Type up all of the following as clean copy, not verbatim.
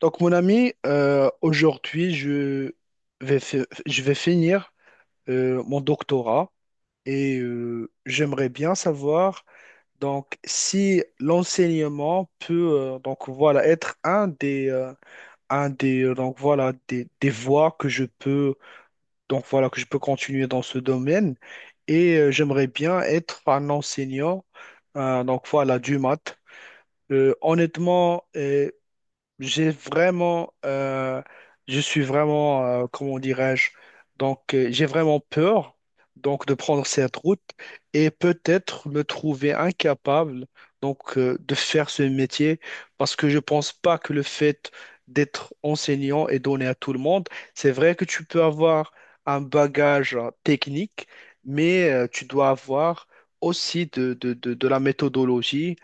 Donc, mon ami, aujourd'hui, je vais finir mon doctorat et j'aimerais bien savoir donc si l'enseignement peut être un des des voies que je peux donc voilà que je peux continuer dans ce domaine et j'aimerais bien être un enseignant du maths. Euh, honnêtement, euh, j'ai vraiment, euh, je suis vraiment, comment dirais-je, j'ai vraiment peur donc de prendre cette route et peut-être me trouver incapable de faire ce métier parce que je pense pas que le fait d'être enseignant est donné à tout le monde. C'est vrai que tu peux avoir un bagage technique, mais tu dois avoir aussi de la méthodologie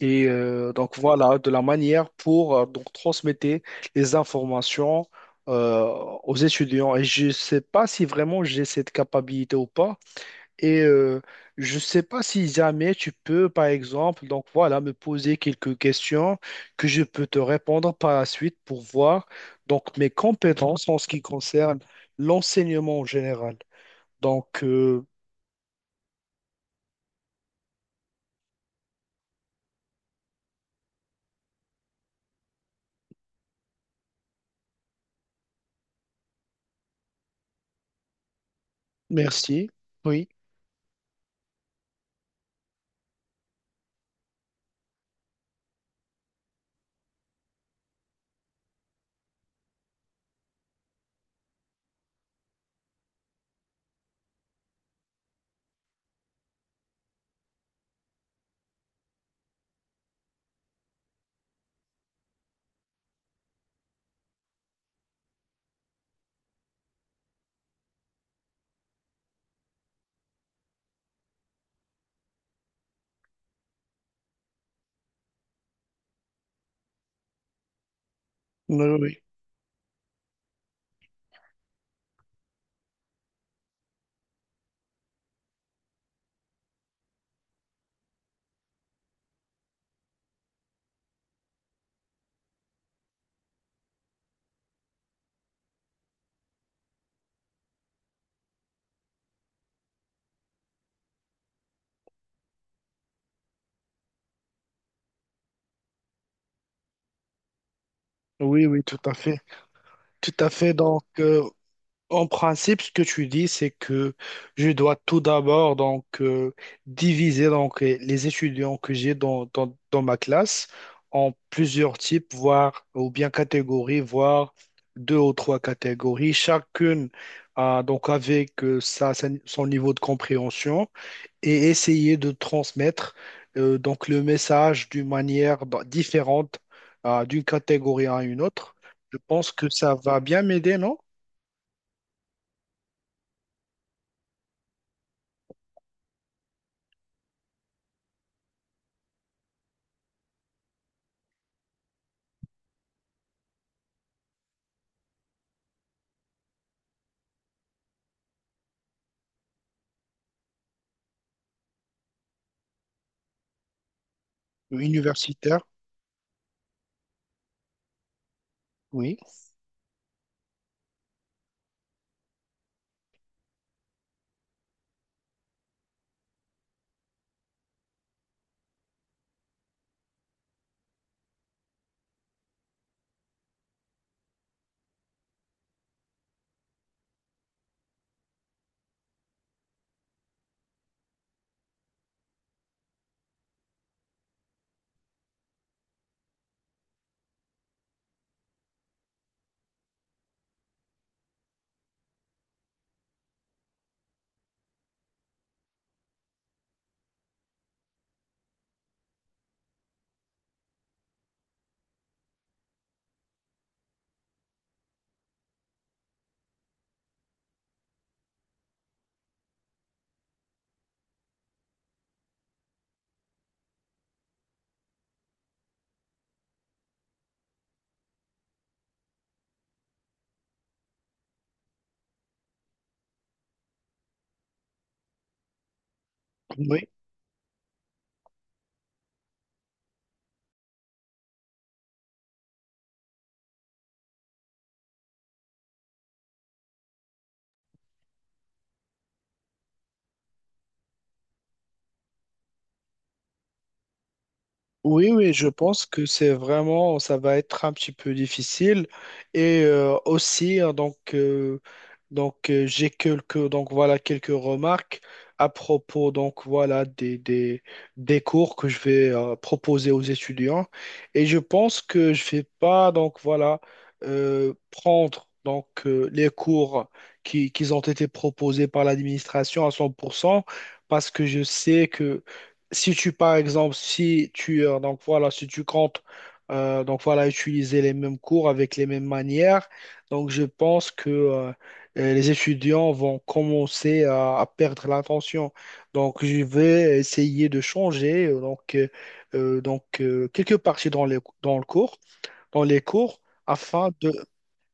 et de la manière pour donc transmettre les informations euh, aux étudiants. Et je ne sais pas si vraiment j'ai cette capacité ou pas. Et je ne sais pas si jamais tu peux, par exemple, donc voilà, me poser quelques questions que je peux te répondre par la suite pour voir donc mes compétences en ce qui concerne l'enseignement en général. Donc euh, merci. Oui, oui, oui, oui, tout à fait. Tout à fait. Donc, en principe, ce que tu dis, c'est que je dois tout d'abord diviser les étudiants que j'ai dans ma classe en plusieurs types, voire ou bien catégories, voire deux ou trois catégories, chacune avec son niveau de compréhension et essayer de transmettre le message d'une manière différente d'une catégorie à une autre. Je pense que ça va bien m'aider, non? Universitaire. Oui, oui, oui, je pense que c'est vraiment, ça va être un petit peu difficile. Et aussi, hein, donc j'ai quelques remarques à propos, donc voilà, des cours que je vais proposer aux étudiants. Et je pense que je vais pas, donc voilà, prendre les cours qui ont été proposés par l'administration à 100%. Parce que je sais que si tu, par exemple, si tu, si tu comptes, utiliser les mêmes cours avec les mêmes manières, donc je pense que les étudiants vont commencer à perdre l'attention. Donc je vais essayer de changer, quelques parties dans le cours, dans les cours, afin de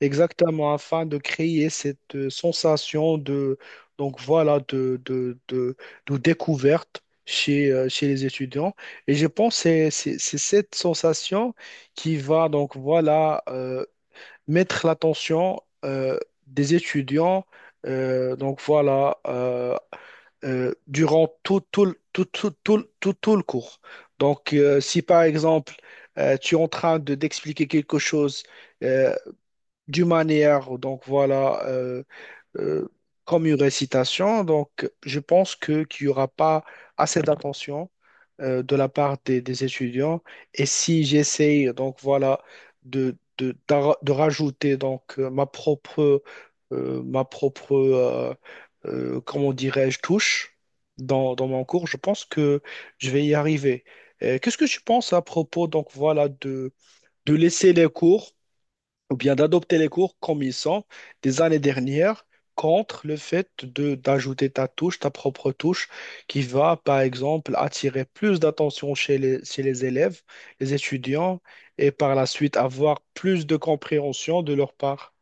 exactement, afin de créer cette sensation de, donc voilà, de découverte chez, chez les étudiants. Et je pense que c'est cette sensation qui va, donc voilà, mettre l'attention euh, des étudiants, euh, donc voilà, euh, durant tout le cours. Donc, si par exemple, tu es en train d'expliquer quelque chose, euh, d'une manière, donc voilà, euh, comme une récitation. Donc, je pense que qu'il n'y aura pas assez d'attention de la part des étudiants. Et si j'essaye, donc voilà, de rajouter ma propre, comment dirais-je, touche dans mon cours, je pense que je vais y arriver. Qu'est-ce que tu penses à propos, donc voilà, de laisser les cours? Ou bien d'adopter les cours comme ils sont des années dernières contre le fait de d'ajouter ta touche, ta propre touche, qui va, par exemple, attirer plus d'attention chez chez les élèves, les étudiants, et par la suite avoir plus de compréhension de leur part.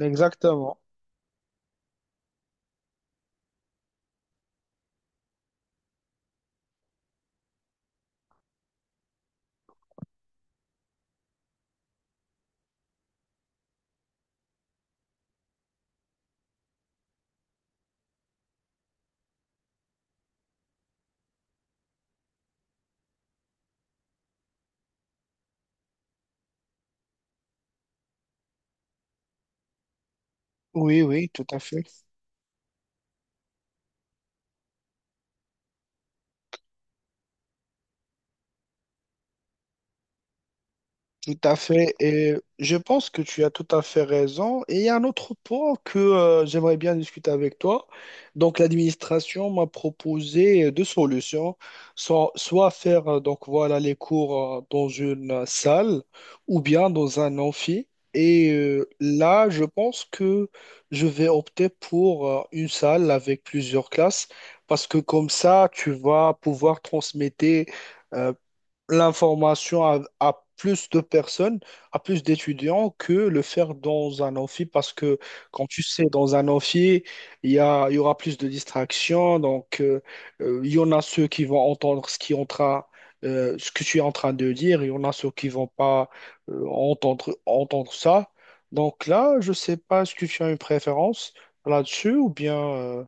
Exactement. Oui, oui, tout à fait. Tout à fait, et je pense que tu as tout à fait raison. Et il y a un autre point que j'aimerais bien discuter avec toi. Donc, l'administration m'a proposé deux solutions, soit faire les cours dans une salle ou bien dans un amphi. Et là, je pense que je vais opter pour une salle avec plusieurs classes parce que comme ça, tu vas pouvoir transmettre euh, l'information à plus de personnes, à plus d'étudiants que le faire dans un amphi parce que, quand tu sais, dans un amphi, il y aura plus de distractions. Donc, il y en a ceux qui vont entendre ce qui est en train, ce que tu es en train de dire. Il y en a ceux qui vont pas entendre, entendre ça. Donc là, je sais pas, est-ce que tu as une préférence là-dessus ou bien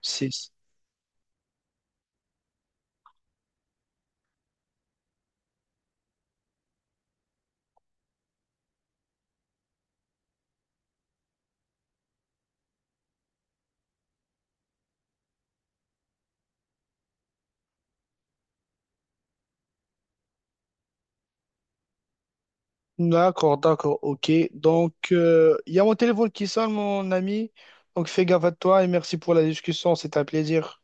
c'est d'accord, d'accord, ok. Donc, il y a mon téléphone qui sonne, mon ami. Donc, fais gaffe à toi et merci pour la discussion. C'était un plaisir.